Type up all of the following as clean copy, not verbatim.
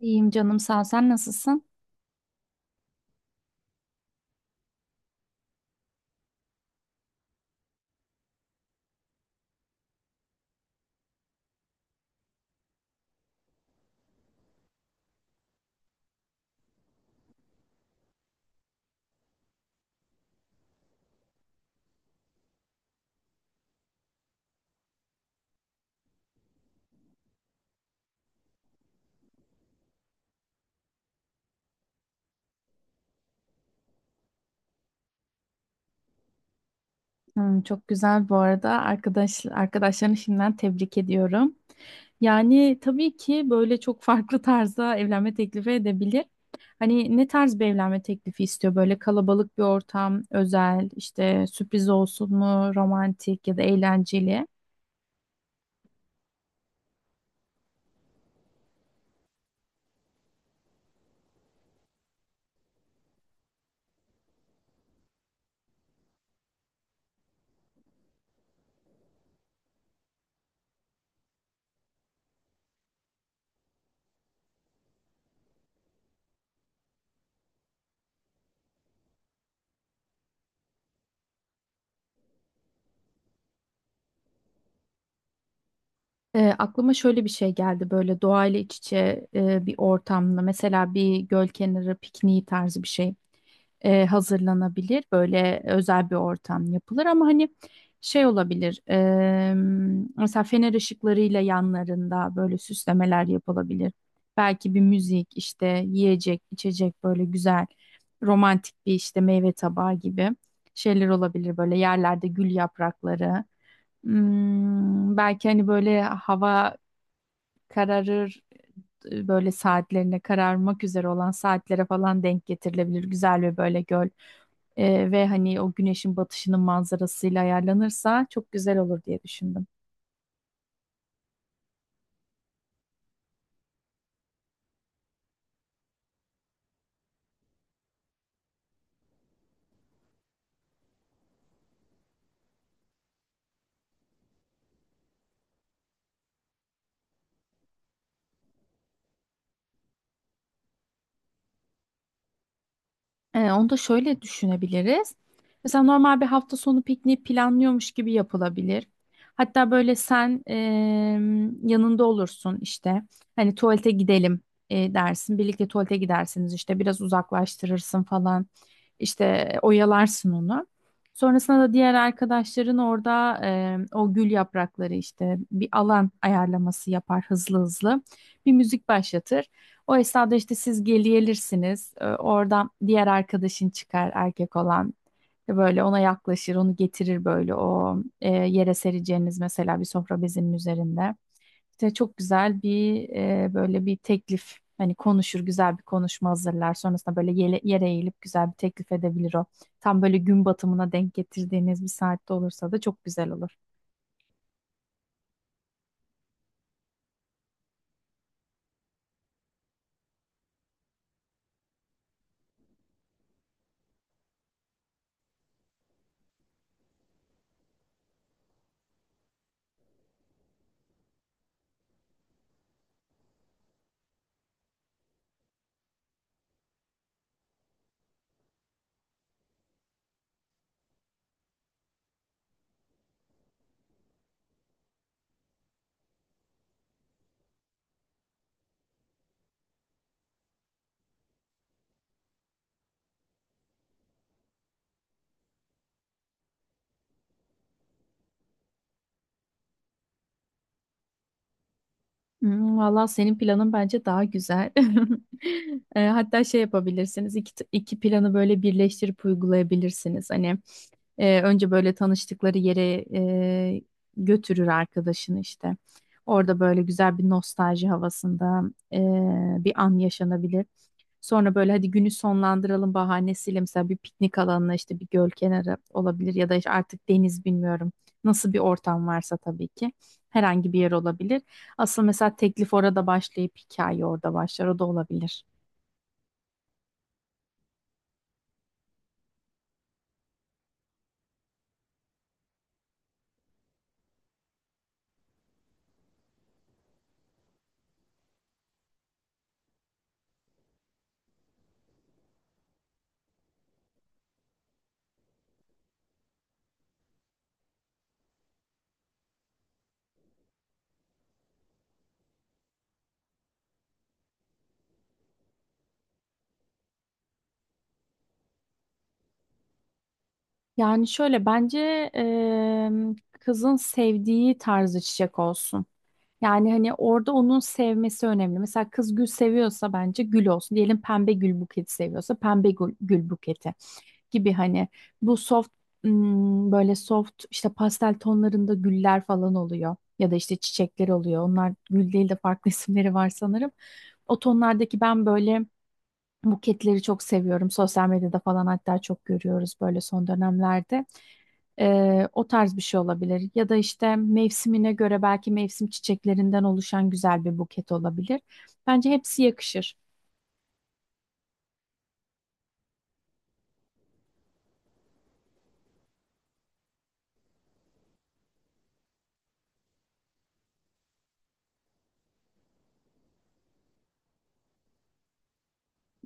İyiyim canım sağ ol. Sen nasılsın? Hmm, çok güzel bu arada. Arkadaşlarını şimdiden tebrik ediyorum. Yani tabii ki böyle çok farklı tarzda evlenme teklifi edebilir. Hani ne tarz bir evlenme teklifi istiyor? Böyle kalabalık bir ortam, özel, işte sürpriz olsun mu, romantik ya da eğlenceli? Aklıma şöyle bir şey geldi böyle doğayla iç içe bir ortamda mesela bir göl kenarı pikniği tarzı bir şey hazırlanabilir. Böyle özel bir ortam yapılır ama hani şey olabilir mesela fener ışıklarıyla yanlarında böyle süslemeler yapılabilir. Belki bir müzik işte yiyecek içecek böyle güzel romantik bir işte meyve tabağı gibi şeyler olabilir böyle yerlerde gül yaprakları. Hmm, belki hani böyle hava kararır böyle saatlerine kararmak üzere olan saatlere falan denk getirilebilir. Güzel ve böyle göl ve hani o güneşin batışının manzarasıyla ayarlanırsa çok güzel olur diye düşündüm. Onu da şöyle düşünebiliriz. Mesela normal bir hafta sonu pikniği planlıyormuş gibi yapılabilir. Hatta böyle sen yanında olursun işte. Hani tuvalete gidelim dersin. Birlikte tuvalete gidersiniz işte. Biraz uzaklaştırırsın falan. İşte oyalarsın onu. Sonrasında da diğer arkadaşların orada o gül yaprakları işte bir alan ayarlaması yapar hızlı hızlı. Bir müzik başlatır. O esnada işte siz geliyelirsiniz. Oradan diğer arkadaşın çıkar erkek olan. Ve böyle ona yaklaşır, onu getirir böyle o yere sereceğiniz mesela bir sofra bezinin üzerinde. İşte çok güzel bir böyle bir teklif hani konuşur, güzel bir konuşma hazırlar. Sonrasında böyle yere eğilip güzel bir teklif edebilir o. Tam böyle gün batımına denk getirdiğiniz bir saatte olursa da çok güzel olur. Hmm, valla senin planın bence daha güzel. Hatta şey yapabilirsiniz, iki planı böyle birleştirip uygulayabilirsiniz. Hani önce böyle tanıştıkları yere götürür arkadaşını işte. Orada böyle güzel bir nostalji havasında e, bir an yaşanabilir. Sonra böyle hadi günü sonlandıralım bahanesiyle mesela bir piknik alanına işte bir göl kenarı olabilir ya da işte artık deniz bilmiyorum. Nasıl bir ortam varsa tabii ki herhangi bir yer olabilir. Asıl mesela teklif orada başlayıp hikaye orada başlar o da olabilir. Yani şöyle bence kızın sevdiği tarzı çiçek olsun. Yani hani orada onun sevmesi önemli. Mesela kız gül seviyorsa bence gül olsun. Diyelim pembe gül buketi seviyorsa pembe gül, gül buketi. Gibi hani bu soft böyle soft işte pastel tonlarında güller falan oluyor ya da işte çiçekler oluyor. Onlar gül değil de farklı isimleri var sanırım. O tonlardaki ben böyle buketleri çok seviyorum. Sosyal medyada falan hatta çok görüyoruz böyle son dönemlerde. O tarz bir şey olabilir. Ya da işte mevsimine göre belki mevsim çiçeklerinden oluşan güzel bir buket olabilir. Bence hepsi yakışır.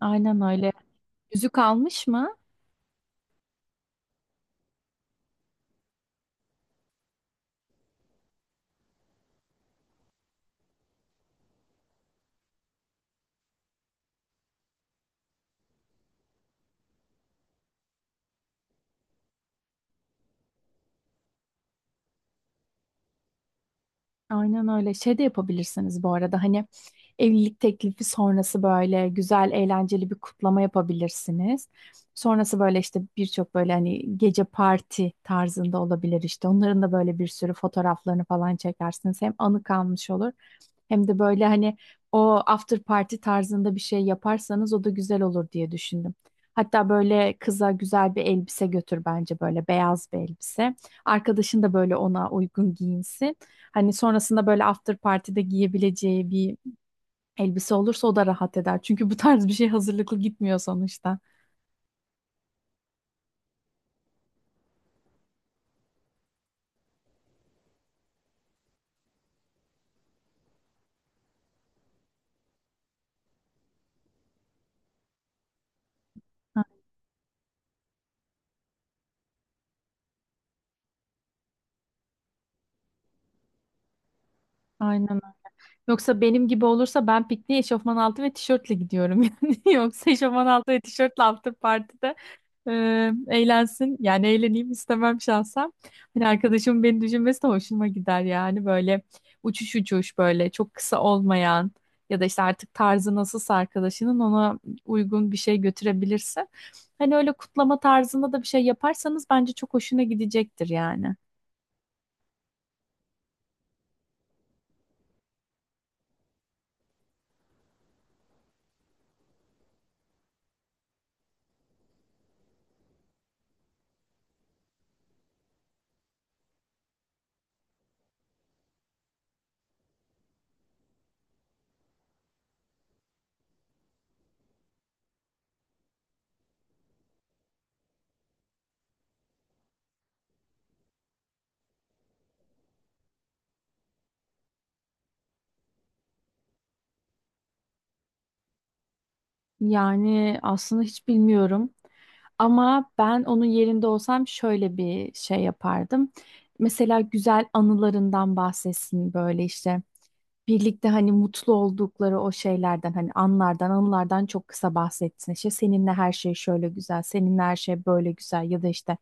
Aynen öyle. Yüzük almış mı? Aynen öyle. Şey de yapabilirsiniz bu arada hani evlilik teklifi sonrası böyle güzel eğlenceli bir kutlama yapabilirsiniz. Sonrası böyle işte birçok böyle hani gece parti tarzında olabilir işte. Onların da böyle bir sürü fotoğraflarını falan çekersiniz. Hem anı kalmış olur hem de böyle hani o after party tarzında bir şey yaparsanız o da güzel olur diye düşündüm. Hatta böyle kıza güzel bir elbise götür bence böyle beyaz bir elbise. Arkadaşın da böyle ona uygun giyinsin. Hani sonrasında böyle after party'de giyebileceği bir elbise olursa o da rahat eder. Çünkü bu tarz bir şey hazırlıklı gitmiyor sonuçta. Ha, aynen. Öyle. Yoksa benim gibi olursa ben pikniğe eşofman altı ve tişörtle gidiyorum yani. Yoksa eşofman altı ve tişörtle after party'de eğlensin. Yani eğleneyim istemem şahsen. Hani arkadaşımın beni düşünmesi de hoşuma gider yani böyle uçuş uçuş böyle çok kısa olmayan ya da işte artık tarzı nasılsa arkadaşının ona uygun bir şey götürebilirse. Hani öyle kutlama tarzında da bir şey yaparsanız bence çok hoşuna gidecektir yani. Yani aslında hiç bilmiyorum. Ama ben onun yerinde olsam şöyle bir şey yapardım. Mesela güzel anılarından bahsetsin böyle işte. Birlikte hani mutlu oldukları o şeylerden hani anlardan anılardan çok kısa bahsetsin. İşte seninle her şey şöyle güzel, seninle her şey böyle güzel ya da işte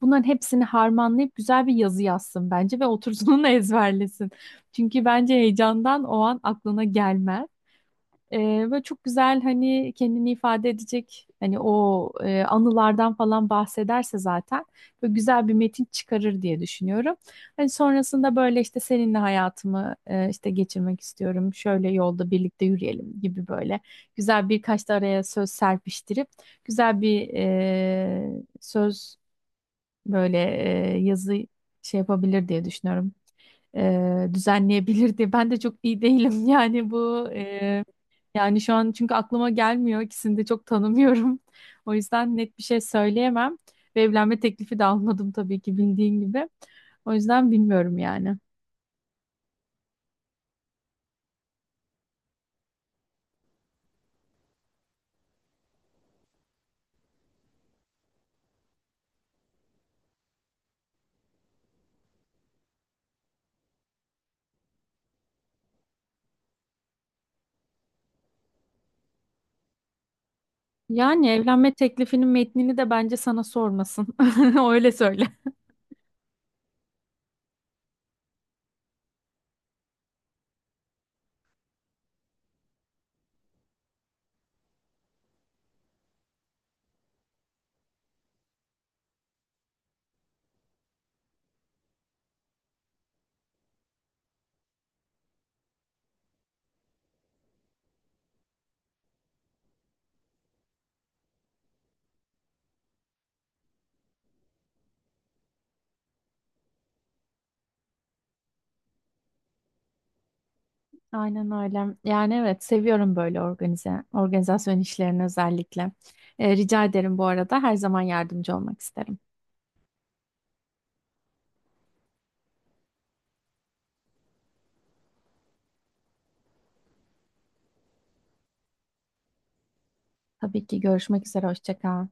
bunların hepsini harmanlayıp güzel bir yazı yazsın bence ve otursun onu ezberlesin. Çünkü bence heyecandan o an aklına gelmez. Ee, Böyle çok güzel hani kendini ifade edecek hani o anılardan falan bahsederse zaten böyle güzel bir metin çıkarır diye düşünüyorum. Hani sonrasında böyle işte seninle hayatımı işte geçirmek istiyorum. Şöyle yolda birlikte yürüyelim gibi böyle güzel birkaç da araya söz serpiştirip güzel bir söz böyle yazı şey yapabilir diye düşünüyorum düzenleyebilirdi. Ben de çok iyi değilim yani bu yani şu an çünkü aklıma gelmiyor. İkisini de çok tanımıyorum. O yüzden net bir şey söyleyemem. Ve evlenme teklifi de almadım tabii ki bildiğin gibi. O yüzden bilmiyorum yani. Yani evlenme teklifinin metnini de bence sana sormasın. Öyle söyle. Aynen öyle. Yani evet seviyorum böyle organizasyon işlerini özellikle. E, rica ederim bu arada her zaman yardımcı olmak isterim. Tabii ki görüşmek üzere. Hoşça kal.